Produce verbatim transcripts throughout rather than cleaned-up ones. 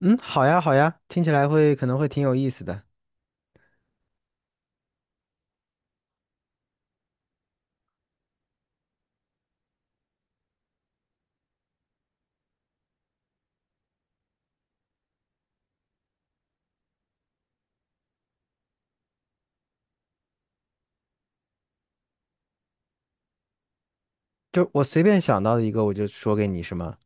嗯，好呀，好呀，听起来会可能会挺有意思的。就我随便想到的一个，我就说给你，是吗？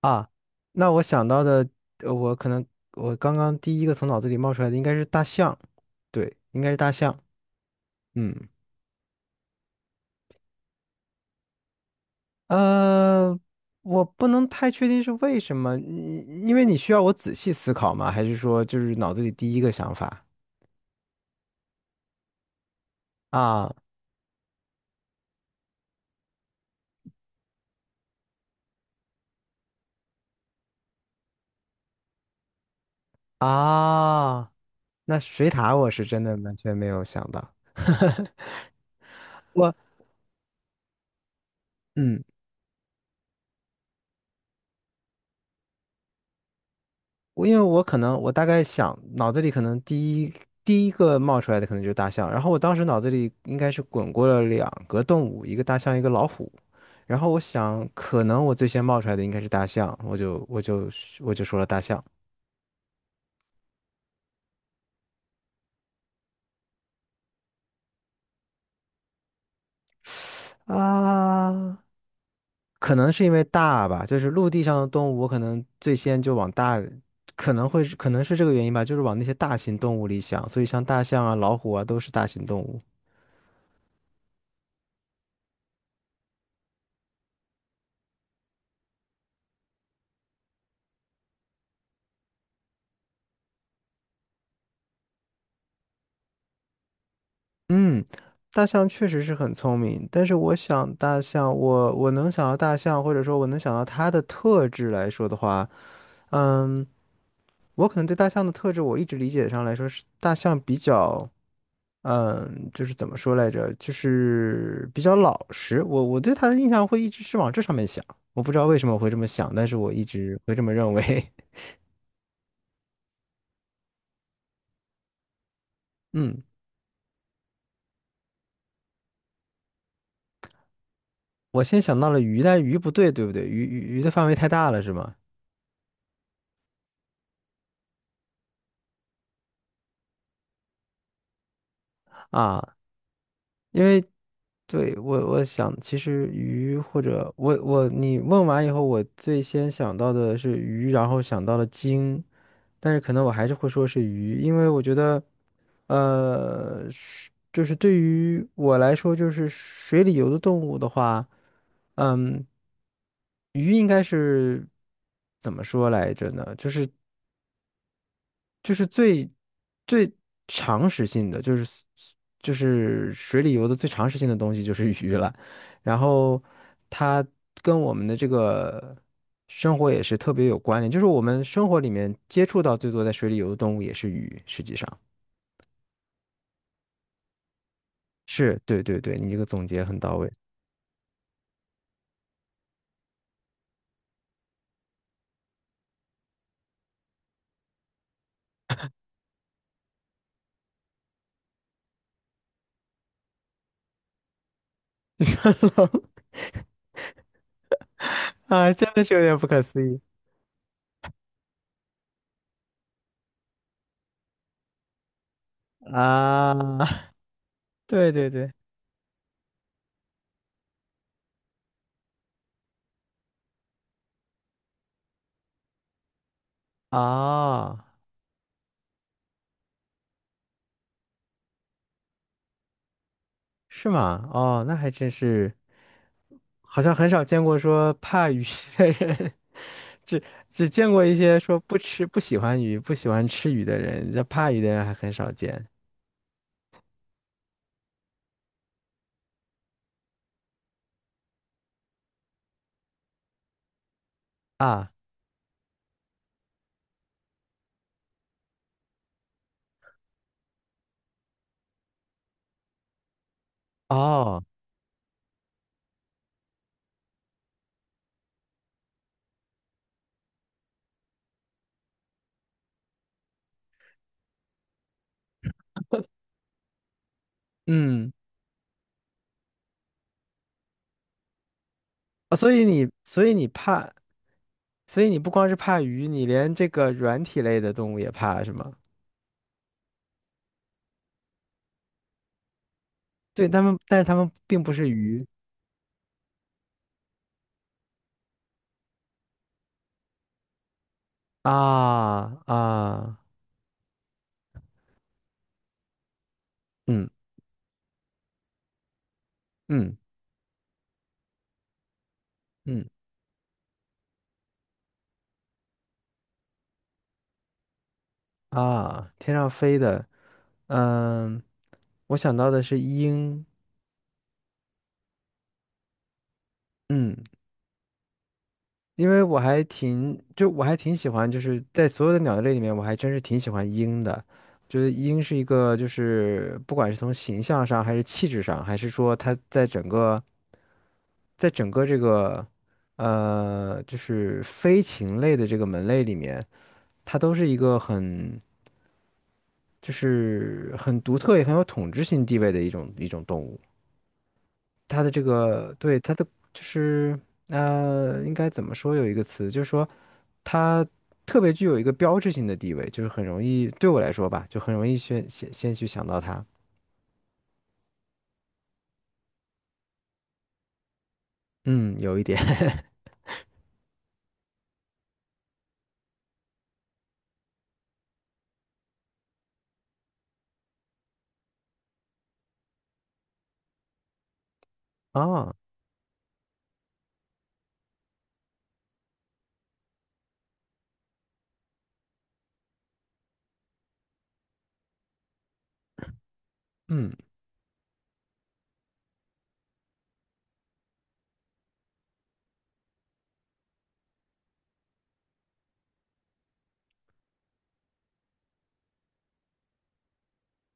啊，那我想到的，呃我可能我刚刚第一个从脑子里冒出来的应该是大象，对，应该是大象。嗯，呃，我不能太确定是为什么，因因为你需要我仔细思考吗？还是说就是脑子里第一个想法啊啊？那水獭我是真的完全没有想到，我嗯，我因为我可能我大概想脑子里可能第一第一个冒出来的可能就是大象，然后我当时脑子里应该是滚过了两个动物，一个大象，一个老虎。然后我想，可能我最先冒出来的应该是大象，我就我就我就说了大象。啊，可能是因为大吧，就是陆地上的动物，我可能最先就往大，可能会是可能是这个原因吧，就是往那些大型动物里想，所以像大象啊、老虎啊都是大型动物。嗯，大象确实是很聪明，但是我想大象，我我能想到大象，或者说我能想到它的特质来说的话，嗯，我可能对大象的特质，我一直理解上来说是大象比较。嗯，就是怎么说来着，就是比较老实。我我对他的印象会一直是往这上面想，我不知道为什么我会这么想，但是我一直会这么认为。嗯，我先想到了鱼，但鱼不对，对不对？鱼鱼鱼的范围太大了，是吗？啊，因为对我我想，其实鱼或者我我你问完以后，我最先想到的是鱼，然后想到了鲸。但是可能我还是会说是鱼，因为我觉得，呃，是就是对于我来说，就是水里游的动物的话，嗯，鱼应该是怎么说来着呢？就是。就是最最常识性的，就是就是水里游的最常识性的东西就是鱼了。然后它跟我们的这个生活也是特别有关联，就是我们生活里面接触到最多在水里游的动物也是鱼，实际上是对对对，你这个总结很到位。人龙啊，真的是有点不可思议啊！对对对啊。是吗？哦，那还真是，好像很少见过说怕鱼 的人，只只见过一些说不吃、不喜欢鱼、不喜欢吃鱼的人，这怕鱼的人还很少见啊。哦，嗯，哦所以你，所以你怕，所以你不光是怕鱼，你连这个软体类的动物也怕，是吗？对，他们，但是他们并不是鱼啊啊，嗯嗯嗯。啊，天上飞的，嗯，我想到的是鹰，嗯，因为我还挺，就我还挺喜欢，就是在所有的鸟类里面，我还真是挺喜欢鹰的，觉得鹰是一个，就是不管是从形象上，还是气质上，还是说它在整个，在整个这个，呃，就是飞禽类的这个门类里面，它都是一个很，就是很独特也很有统治性地位的一种一种动物。它的这个对它的就是呃，应该怎么说有一个词，就是说它特别具有一个标志性的地位，就是很容易对我来说吧，就很容易先先先去想到它。嗯，有一点 啊，嗯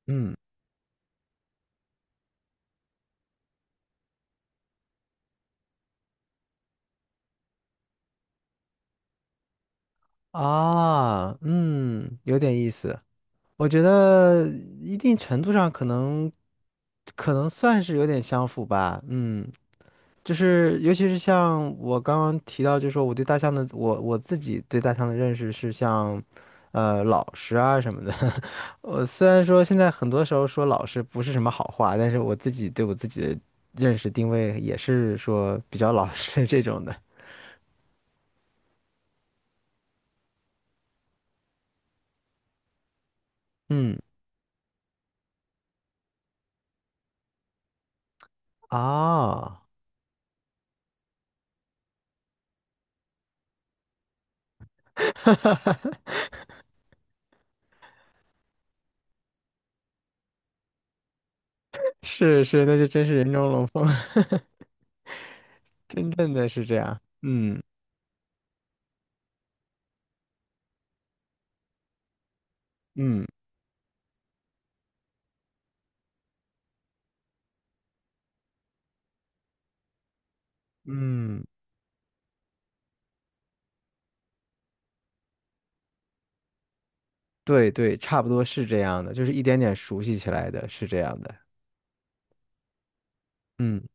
嗯啊，嗯，有点意思。我觉得一定程度上可能可能算是有点相符吧。嗯就是尤其是像我刚刚提到，就是说我对大象的，我我自己对大象的认识是像，呃，老实啊什么的。我虽然说现在很多时候说老实不是什么好话，但是我自己对我自己的认识定位也是说比较老实 这种的。嗯，啊，是是，那就真是人中龙凤，真正的是这样。嗯嗯嗯，对对，差不多是这样的，就是一点点熟悉起来的，是这样的。嗯。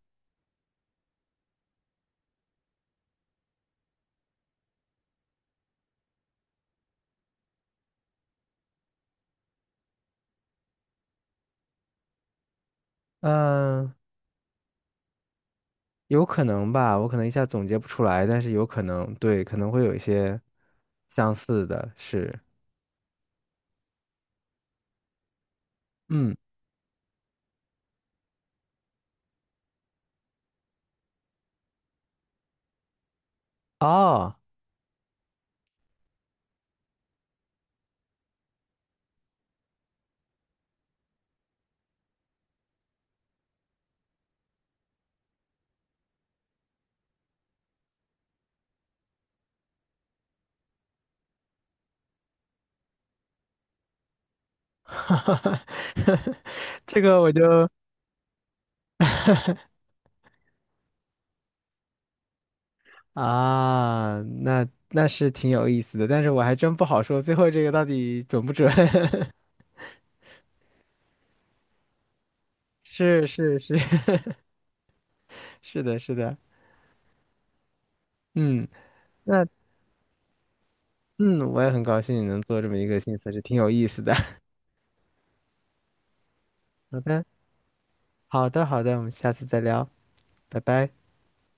嗯，有可能吧，我可能一下总结不出来，但是有可能，对，可能会有一些相似的，是，嗯，哦，这个我就啊，那那是挺有意思的，但是我还真不好说最后这个到底准不准。是是是 是的，是的，嗯，那嗯，我也很高兴你能做这么一个新测试，挺有意思的。好的，好的，好的，我们下次再聊，拜拜。